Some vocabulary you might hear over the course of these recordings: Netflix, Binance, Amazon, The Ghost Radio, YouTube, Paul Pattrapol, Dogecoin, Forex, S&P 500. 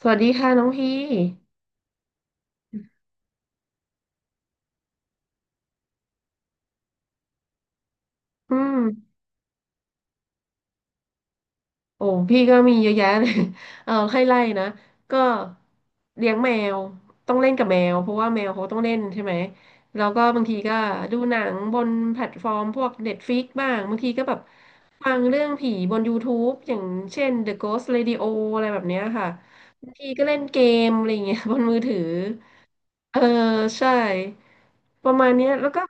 สวัสดีค่ะน้องพี่อืมโอ้พี่ก็มีเยอะแยะเลย เออให้ไล่นะ ก็เลี้ยงแมว ต้องเล่นกับแมวเพราะว่าแมวเขาต้องเล่นใช่ไหม แล้วก็บางทีก็ดูหนังบนแพลตฟอร์มพวก Netflix บ้าง บางทีก็แบบฟังเรื่องผีบน YouTube อย่างเช่น The Ghost Radio อะไรแบบเนี้ยค่ะ บางทีก็เล่นเกมอะไรอย่างเงี้ย บนมือถือ เออใช่ประมาณเนี้ยแล้วก็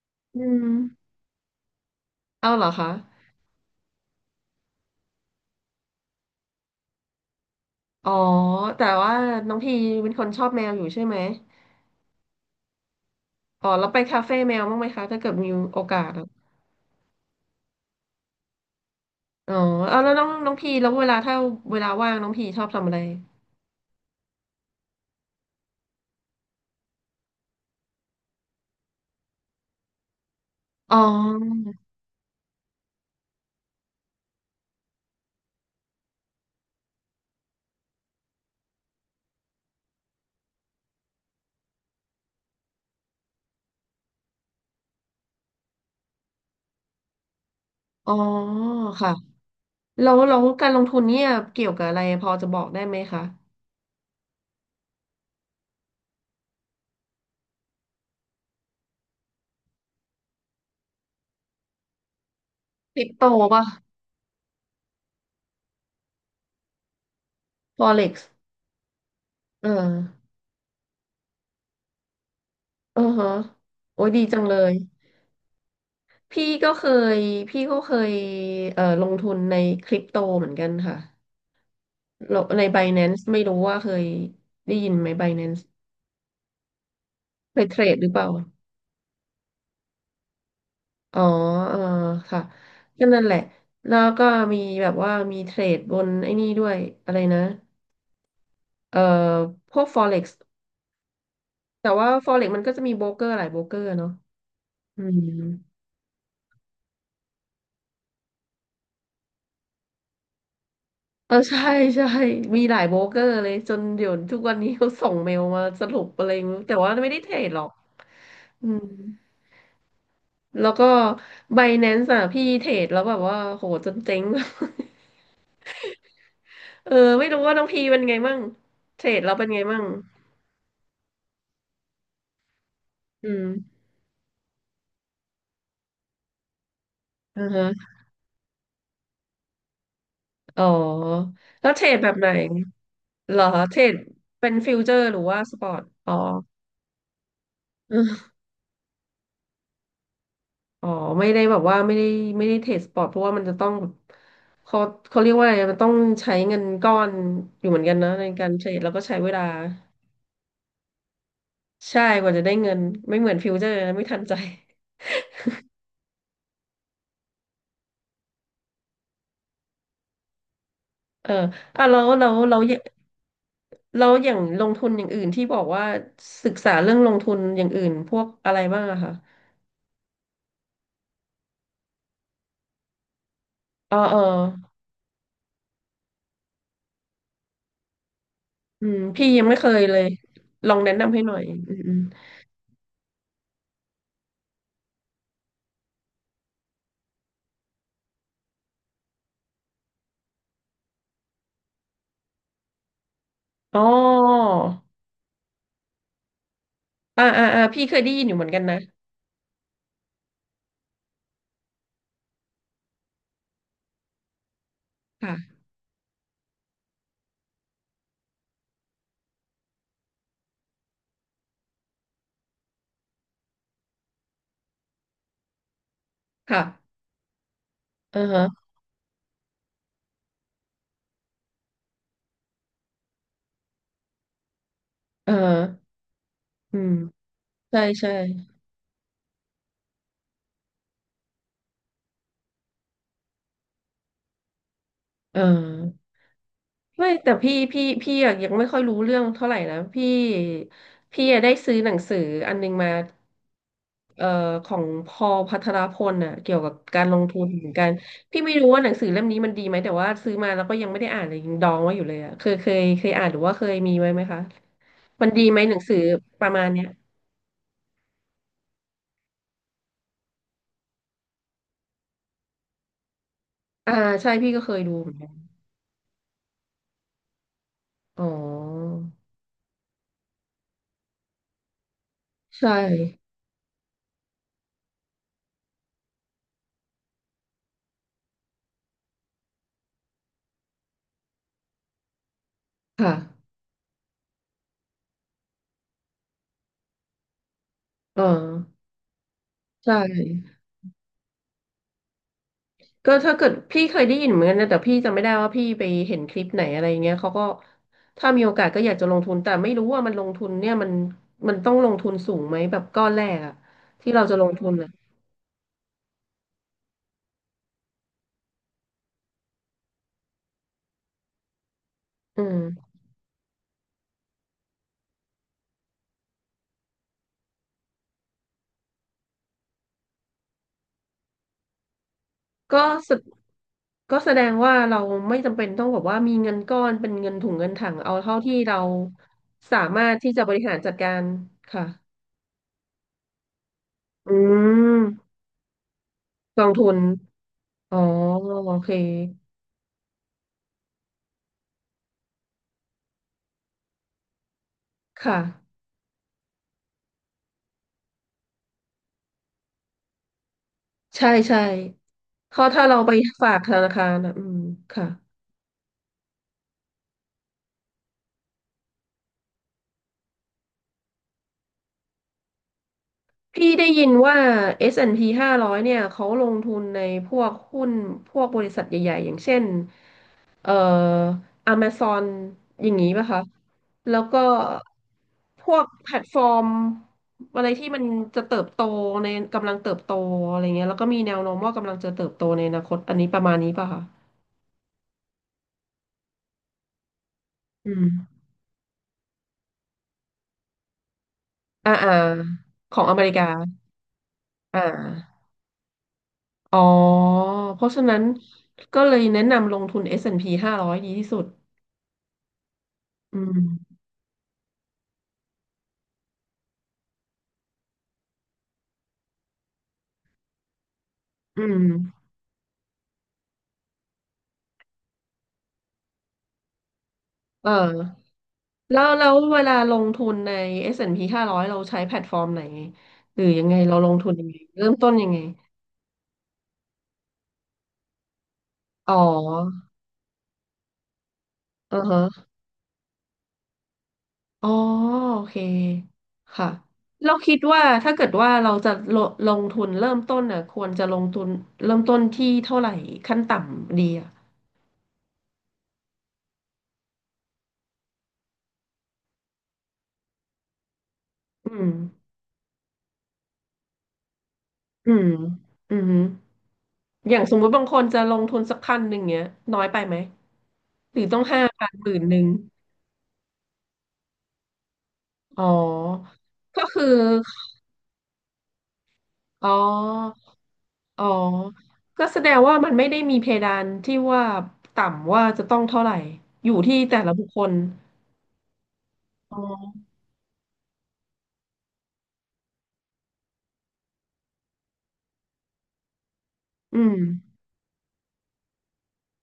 อืมเอาเหรอคะ อ๋อแต่ว่าน้องพีเป็นคนชอบแมวอยู่ใช่ไหมอ๋อแล้วไปคาเฟ่แมวบ้างไหมคะถ้าเกิดมีโอกาสอะอ๋อเอาแล้วน้องน้องพีแล้วเวลาถ้าเวลาว่างน้องพีชอบทำอะไรอ๋ออ๋อค่ะแล้วแล้วการลงทุนเนี่ยเกี่ยวกับอะไรพอจะบอกได้ไหมคะคริปโตป่ะ Forex เออเออฮะโอ้ยดีจังเลยพี่ก็เคยพี่ก็เคยลงทุนในคริปโตเหมือนกันค่ะ เราใน Binance ไม่รู้ว่าเคยได้ยินไหม Binance เคยเทรดหรือเปล่าอ๋อเออค่ะก็นั่นแหละแล้วก็มีแบบว่ามีเทรดบนไอ้นี่ด้วยอะไรนะเอ่อพวก Forex แต่ว่า Forex มันก็จะมีโบรกเกอร์หลายโบรกเกอร์เนาะอืมเออ ใช่ใช่มีหลายโบรกเกอร์เลยจนเดี๋ยวทุกวันนี้เขาส่งเมลมาสรุปอะไรไม่รู้แต่ว่าไม่ได้เทรดหรอกอืมแล้วก็ Binance อ่ะพี่เทรดแล้วแบบว่าโหจนเจ๊ง เออไม่รู้ว่าน้องพีเป็นไงมั่งเทรดเราเป็นไงมั่งอืมอือฮะอ๋อแล้วเทรดแบบไหนเหรอเทรดเป็นฟิวเจอร์หรือว่าสปอร์ตอ๋ออืออ๋อไม่ได้แบบว่าไม่ได้ไม่ได้เทรดสปอร์ตเพราะว่ามันจะต้องเขาเขาเรียกว่าอะไรมันต้องใช้เงินก้อนอยู่เหมือนกันนะในการเทรดแล้วก็ใช้เวลาใช่กว่าจะได้เงินไม่เหมือนฟิวเจอร์นะไม่ทันใจเอออ่ะแล้วแล้วแล้ว แล้วอย่างลงทุนอย่างอื่นที่บอกว่าศึกษาเรื่องลงทุนอย่างอื่นพวกอะไรบ้างอะคะเออเอออืมพี่ยังไม่เคยเลยลองแนะนำให้หน่อยอืมอมอ๋ออ่าอ่าอ่าพี่เคยได้ยินอยู่เหมือนกันนะค่ะค่ะเออฮะเอออืมใช่ใช่เออ ไม่แต่พี่พี่พี่อะยังไม่ค่อยรู้เรื่องเท่าไหร่นะพี่พี่อะได้ซื้อหนังสืออันนึงมาเอ่อของพอลพัทรพลน่ะเกี่ยวกับการลงทุนเหมือนกันพี่ไม่รู้ว่าหนังสือเล่มนี้มันดีไหมแต่ว่าซื้อมาแล้วก็ยังไม่ได้อ่านเลยยังดองไว้อยู่เลยอ่ะเคยเคยเคยอ่านหรือว่าเคยมีไว้ไหมคะมันดีไหมหนังสือประมาณเนี้ยอ่าใช่พี่ก็เคยดูเหมือนกันอ๋อใช่ค่ะเออใช่ ก็ถ้าเกิดพี่เคยได้ยินเหมือนกันนะแต่พี่จำไม่ได้ว่าพี่ไปเห็นคลิปไหนอะไรเงี้ยเขาก็ถ้ามีโอกาสก็อยากจะลงทุนแต่ไม่รู้ว่ามันลงทุนเนี่ยมันมันต้องลงทุนสูงไหมแบบก้อนแรกอะที่เราจะลงทุนอะอืมก็สดก็แสดงว่าเราไม่จำเป็นต้องแบบว่ามีเงินก้อนเป็นเงินถุงเงินถังเอาเท่าที่เราสามารถที่จะบริหารจัดการค่ะอืมกองทุนอ๋อโอเคค่ะ ใช่ใช่เพราะถ้าเราไปฝากธนาคารนะอืมค่ะพี่ได้ยินว่า S&P 500เนี่ยเขาลงทุนในพวกหุ้นพวกบริษัทใหญ่ๆอย่างเช่นเอ่อ Amazon อย่างนี้ป่ะคะ แล้วก็พวกแพลตฟอร์มอะไรที่มันจะเติบโตในกำลังเติบโตอะไรเงี้ยแล้วก็มีแนวโน้มว่ากำลังจะเติบโตในอนาคตอันนี้ประมาณนี้ป่ะคะ อืม อ่าอ่าของอเมริกา อ่า อ๋อเพราะฉะนั้นก็เลยแนะนำลงทุน s สแอนดพีห้าร้อยดีที่สุดอืมอืมเออแล้วแล้วเวลาลงทุนในเอสแอนด์พีห้าร้0 0เราใช้แพลตฟอร์มไหนหรือยังไงเราลงทุนยังไงเริ่มต้นยังไงอ๋ออือฮะอ๋อโอเคค่ะเราคิดว่าถ้าเกิดว่าเราจะลลงทุนเริ่มต้นน่ะควรจะลงทุนเริ่มต้นที่เท่าไหร่ขั้นต่ำดีอ่ะอืมอืมอืม อย่างสมมุติบางคนจะลงทุนสัก1,000เงี้ยน้อยไปไหมหรือต้อง5,00010,000อ๋อก็คืออ๋ออ๋อก็แสดงว่ามันไม่ได้มีเพดานที่ว่าต่ำว่าจะต้องเท่าไหร่อยู่ที่แต่ละบุคคลอ๋ออืม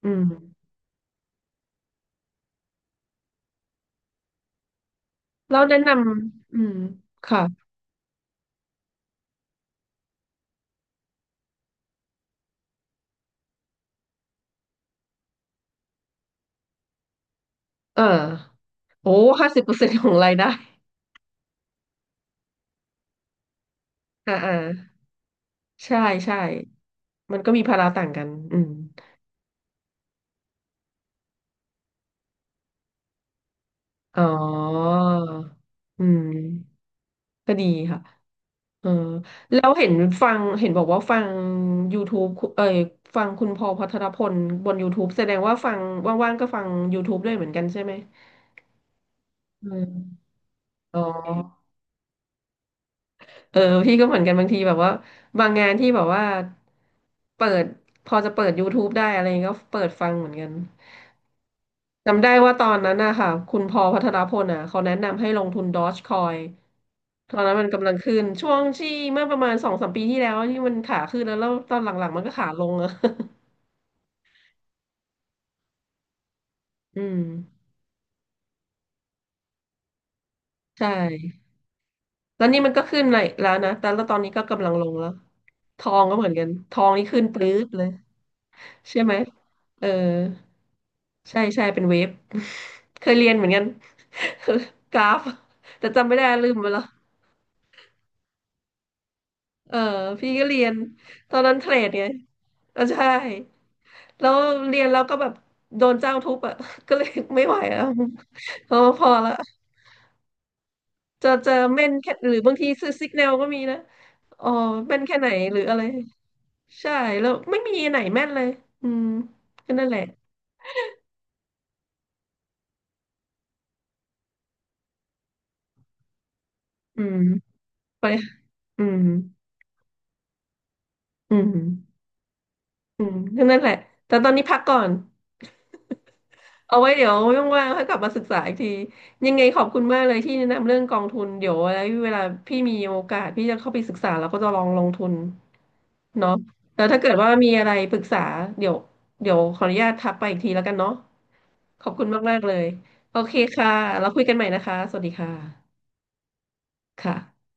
อืมแล้วแนะนำอืมค่ะเออโอ้50%ของรายได้อ่าอ่าใช่ใช่มันก็มีภาระต่างกันอืมอ๋ออืม ก็ดีค่ะเออแล้วเห็นฟังเห็นบอกว่าฟัง YouTube คุเอ่ยฟังคุณพอลพัทรพลบน YouTube แสดงว่าฟังว่างๆก็ฟัง YouTube ด้วยเหมือนกันใช่ไหมอืมอ๋อเออพี่ก็เหมือนกันบางทีแบบว่าบางงานที่แบบว่าเปิดพอจะเปิด YouTube ได้อะไรก็เปิดฟังเหมือนกันจำได้ว่าตอนนั้นนะคะคุณพอลพัทรพลอ่ะเขาแนะนำให้ลงทุน Dogecoin ตอนนั้นมันกำลังขึ้นช่วงที่เมื่อประมาณสองสามปีที่แล้วที่มันขาขึ้นแล้วตอนหลังๆมันก็ขาลงอะ อืมใช่ตอนนี้มันก็ขึ้นเลยแล้วนะแต่แล้วตอนนี้ก็กำลังลงแล้วทองก็เหมือนกันทองนี่ขึ้นปรื๊ดเลยใช่ไหมเออใช่ใช่เป็นเวฟ เคยเรียนเหมือนกัน กราฟแต่จำไม่ได้ลืมไปแล้วเออพี่ก็เรียนตอนนั้นเทรดไงเออใช่ แล้วเรียนแล้วก็แบบโดนเจ้าทุบอ่ะ ก็เลยไม่ไหวแล้ว พอพอละจะจะเม่นแค่หรือบางทีซื้อซิกแนลก็มีนะอ๋อเม่นแค่ไหนหรืออะไรใช่แล้วไม่มีไหนแม่นเลยอืมก็นั่นแหละอืมไปอืมอืมอืมก็นั่นแหละแต่ตอนนี้พักก่อน เอาไว้เดี๋ยวว่างๆค่อยกลับมาศึกษาอีกทียังไงขอบคุณมากเลยที่แนะนำเรื่องกองทุนเดี๋ยวอะไรเวลาพี่มีโอกาสพี่จะเข้าไปศึกษาแล้วก็จะลองลงทุนเนาะแล้วถ้าเกิดว่ามีอะไรปรึกษาเดี๋ยวเดี๋ยวขออนุญาตทักไปอีกทีแล้วกันเนาะขอบคุณมากๆเลยโอเคค่ะเราคุยกันใหม่นะคะสวัสดีค่ะค่ะ